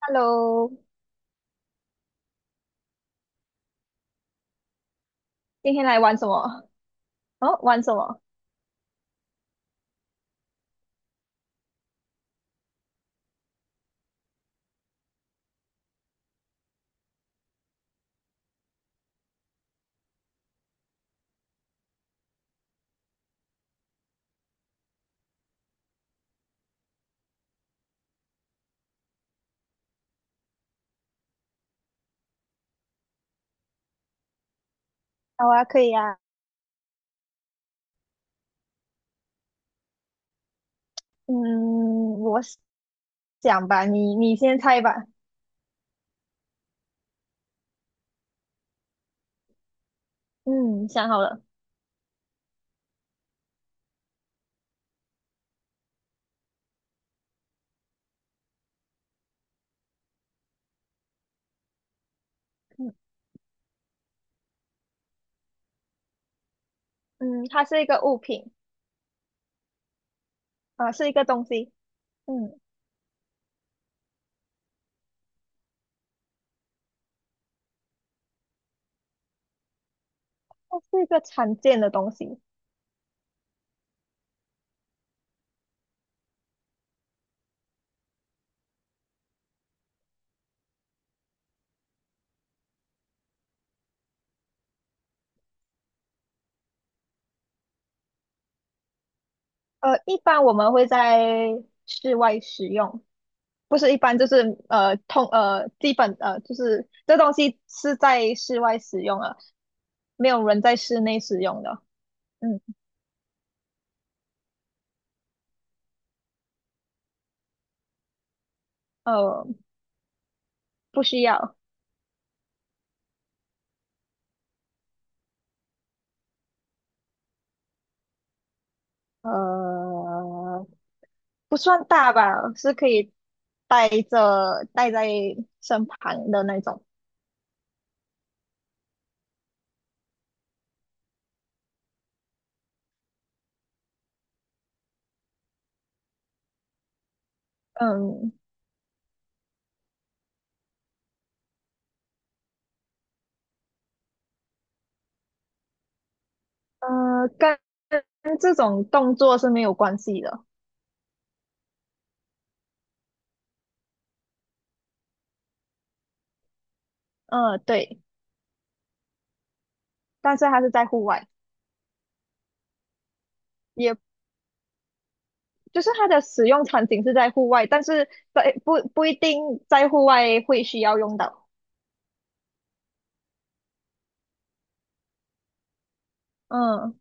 Hello，今天来玩什么？哦，玩什么？好啊，可以啊。嗯，我想吧，你先猜吧。嗯，想好了。嗯，嗯，它是一个物品，啊、是一个东西。嗯，它是一个常见的东西。呃，一般我们会在室外使用，不是一般就是通基本就是这东西是在室外使用的，没有人在室内使用的。嗯，呃，不需要。呃，不算大吧，是可以带着带在身旁的那种。嗯，呃，跟跟这种动作是没有关系的。嗯、对，但是它是在户外，也就是它的使用场景是在户外，但是在不一定在户外会需要用到。嗯，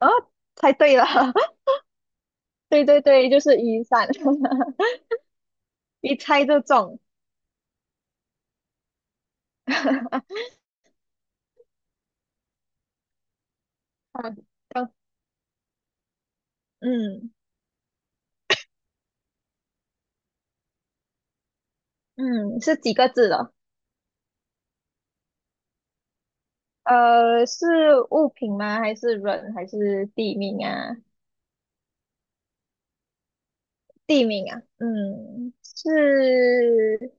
哦，猜对了，对对对，就是雨伞，一猜就中。嗯，嗯，是几个字的？呃，是物品吗？还是人？还是地名啊？地名啊，嗯，是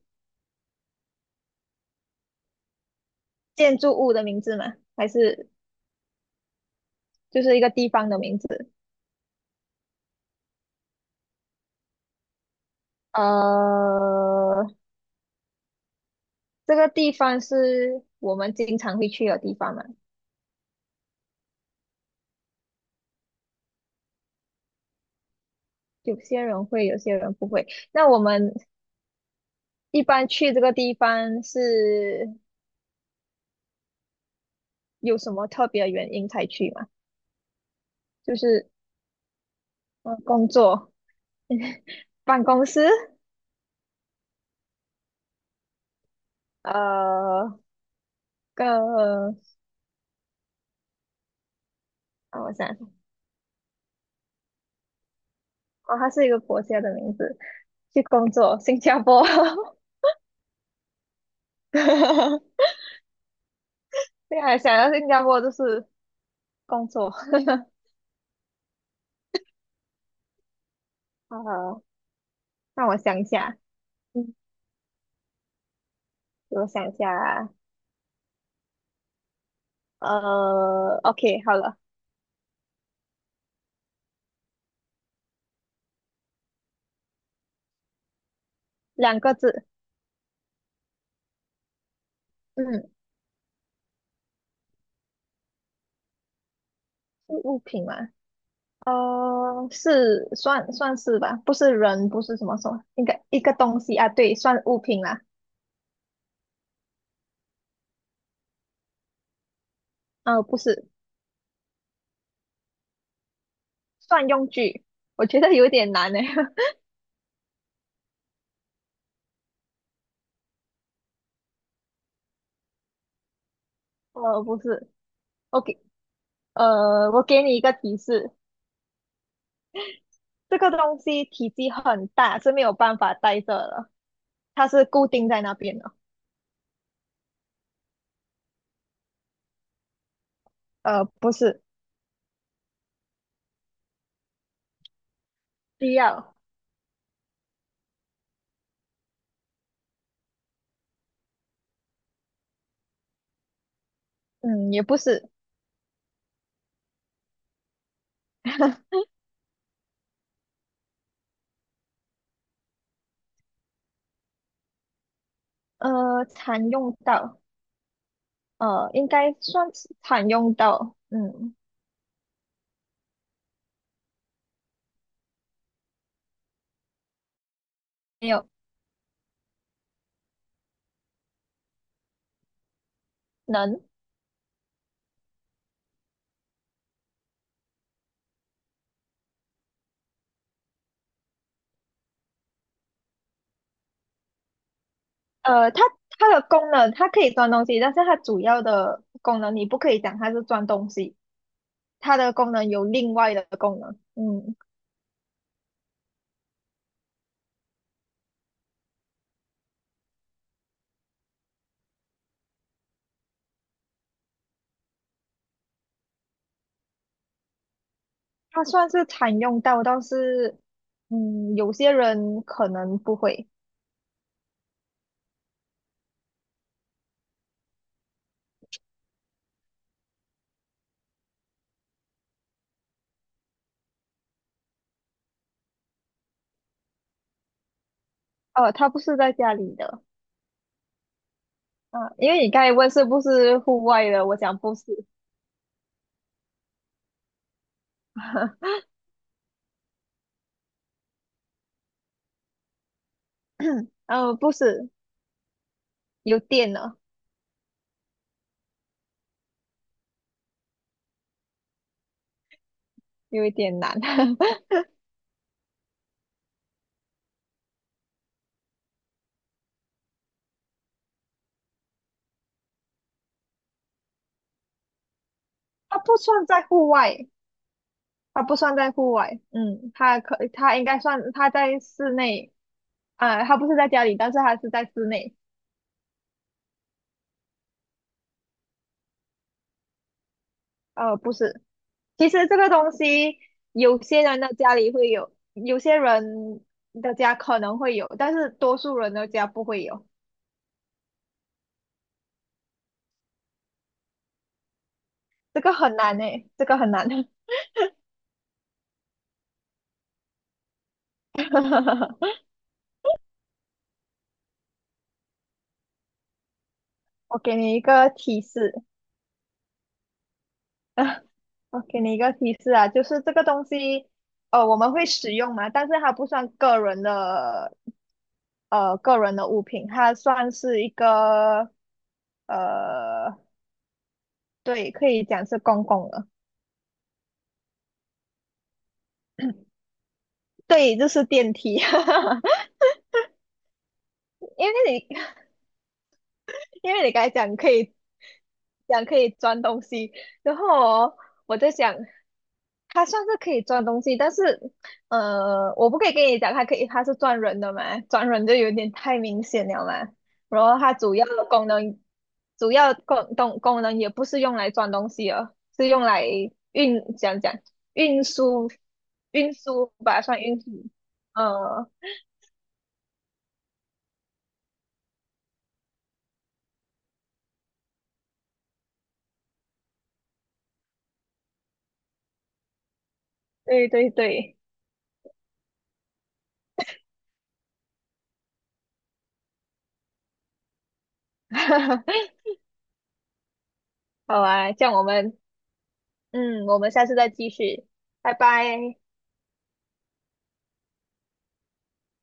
建筑物的名字吗？还是就是一个地方的名字？呃，这个地方是我们经常会去的地方嘛？有些人会，有些人不会。那我们一般去这个地方是有什么特别的原因才去吗？就是呃，工作、办公室，呃，个啊，我想想，哦，它是一个国家的名字。去工作，新加坡。对啊，想到新加坡就是工作。呃，让我想一下，嗯，我想一下啊，呃，OK,好了，两个字，嗯，是物品嘛？呃，是算是吧，不是人，不是什么什么，应该一个东西啊，对，算物品啦。呃，不是，算用具，我觉得有点难呢。呃，不是，OK,我给你一个提示，这个东西体积很大，是没有办法带着的，它是固定在那边的。不是需要，嗯，也不是，常用到，应该算是常用到，嗯，没有能，呃，它它的功能，它可以装东西，但是它主要的功能你不可以讲它是装东西，它的功能有另外的功能，嗯，它算是常用到，但是，嗯，有些人可能不会，它不是在家里的。啊，因为你刚才问是不是户外的，我讲不是，嗯，不是，有电呢，有一点难，它不算在户外，它不算在户外，嗯，它可它应该算它在室内，啊、它不是在家里，但是它是在室内，呃，不是，其实这个东西有些人的家里会有，有些人的家可能会有，但是多数人的家不会有，这个很难诶，这个很难，我给你一个提示。我给你一个提示啊，就是这个东西，我们会使用嘛，但是它不算个人的，呃，个人的物品，它算是一个，呃，对，可以讲是公共的，对，就是电梯，因为你，因为你刚才讲可以讲可以装东西，然后哦我在想，它算是可以装东西，但是，呃，我不可以跟你讲，它可以，它是赚人的嘛，赚人就有点太明显了嘛。然后它主要的功能，主要功能也不是用来装东西哦，是用来运，讲讲运输，运输吧，算运输。呃，对对对，好啊，这样我们，嗯，我们下次再继续，拜拜。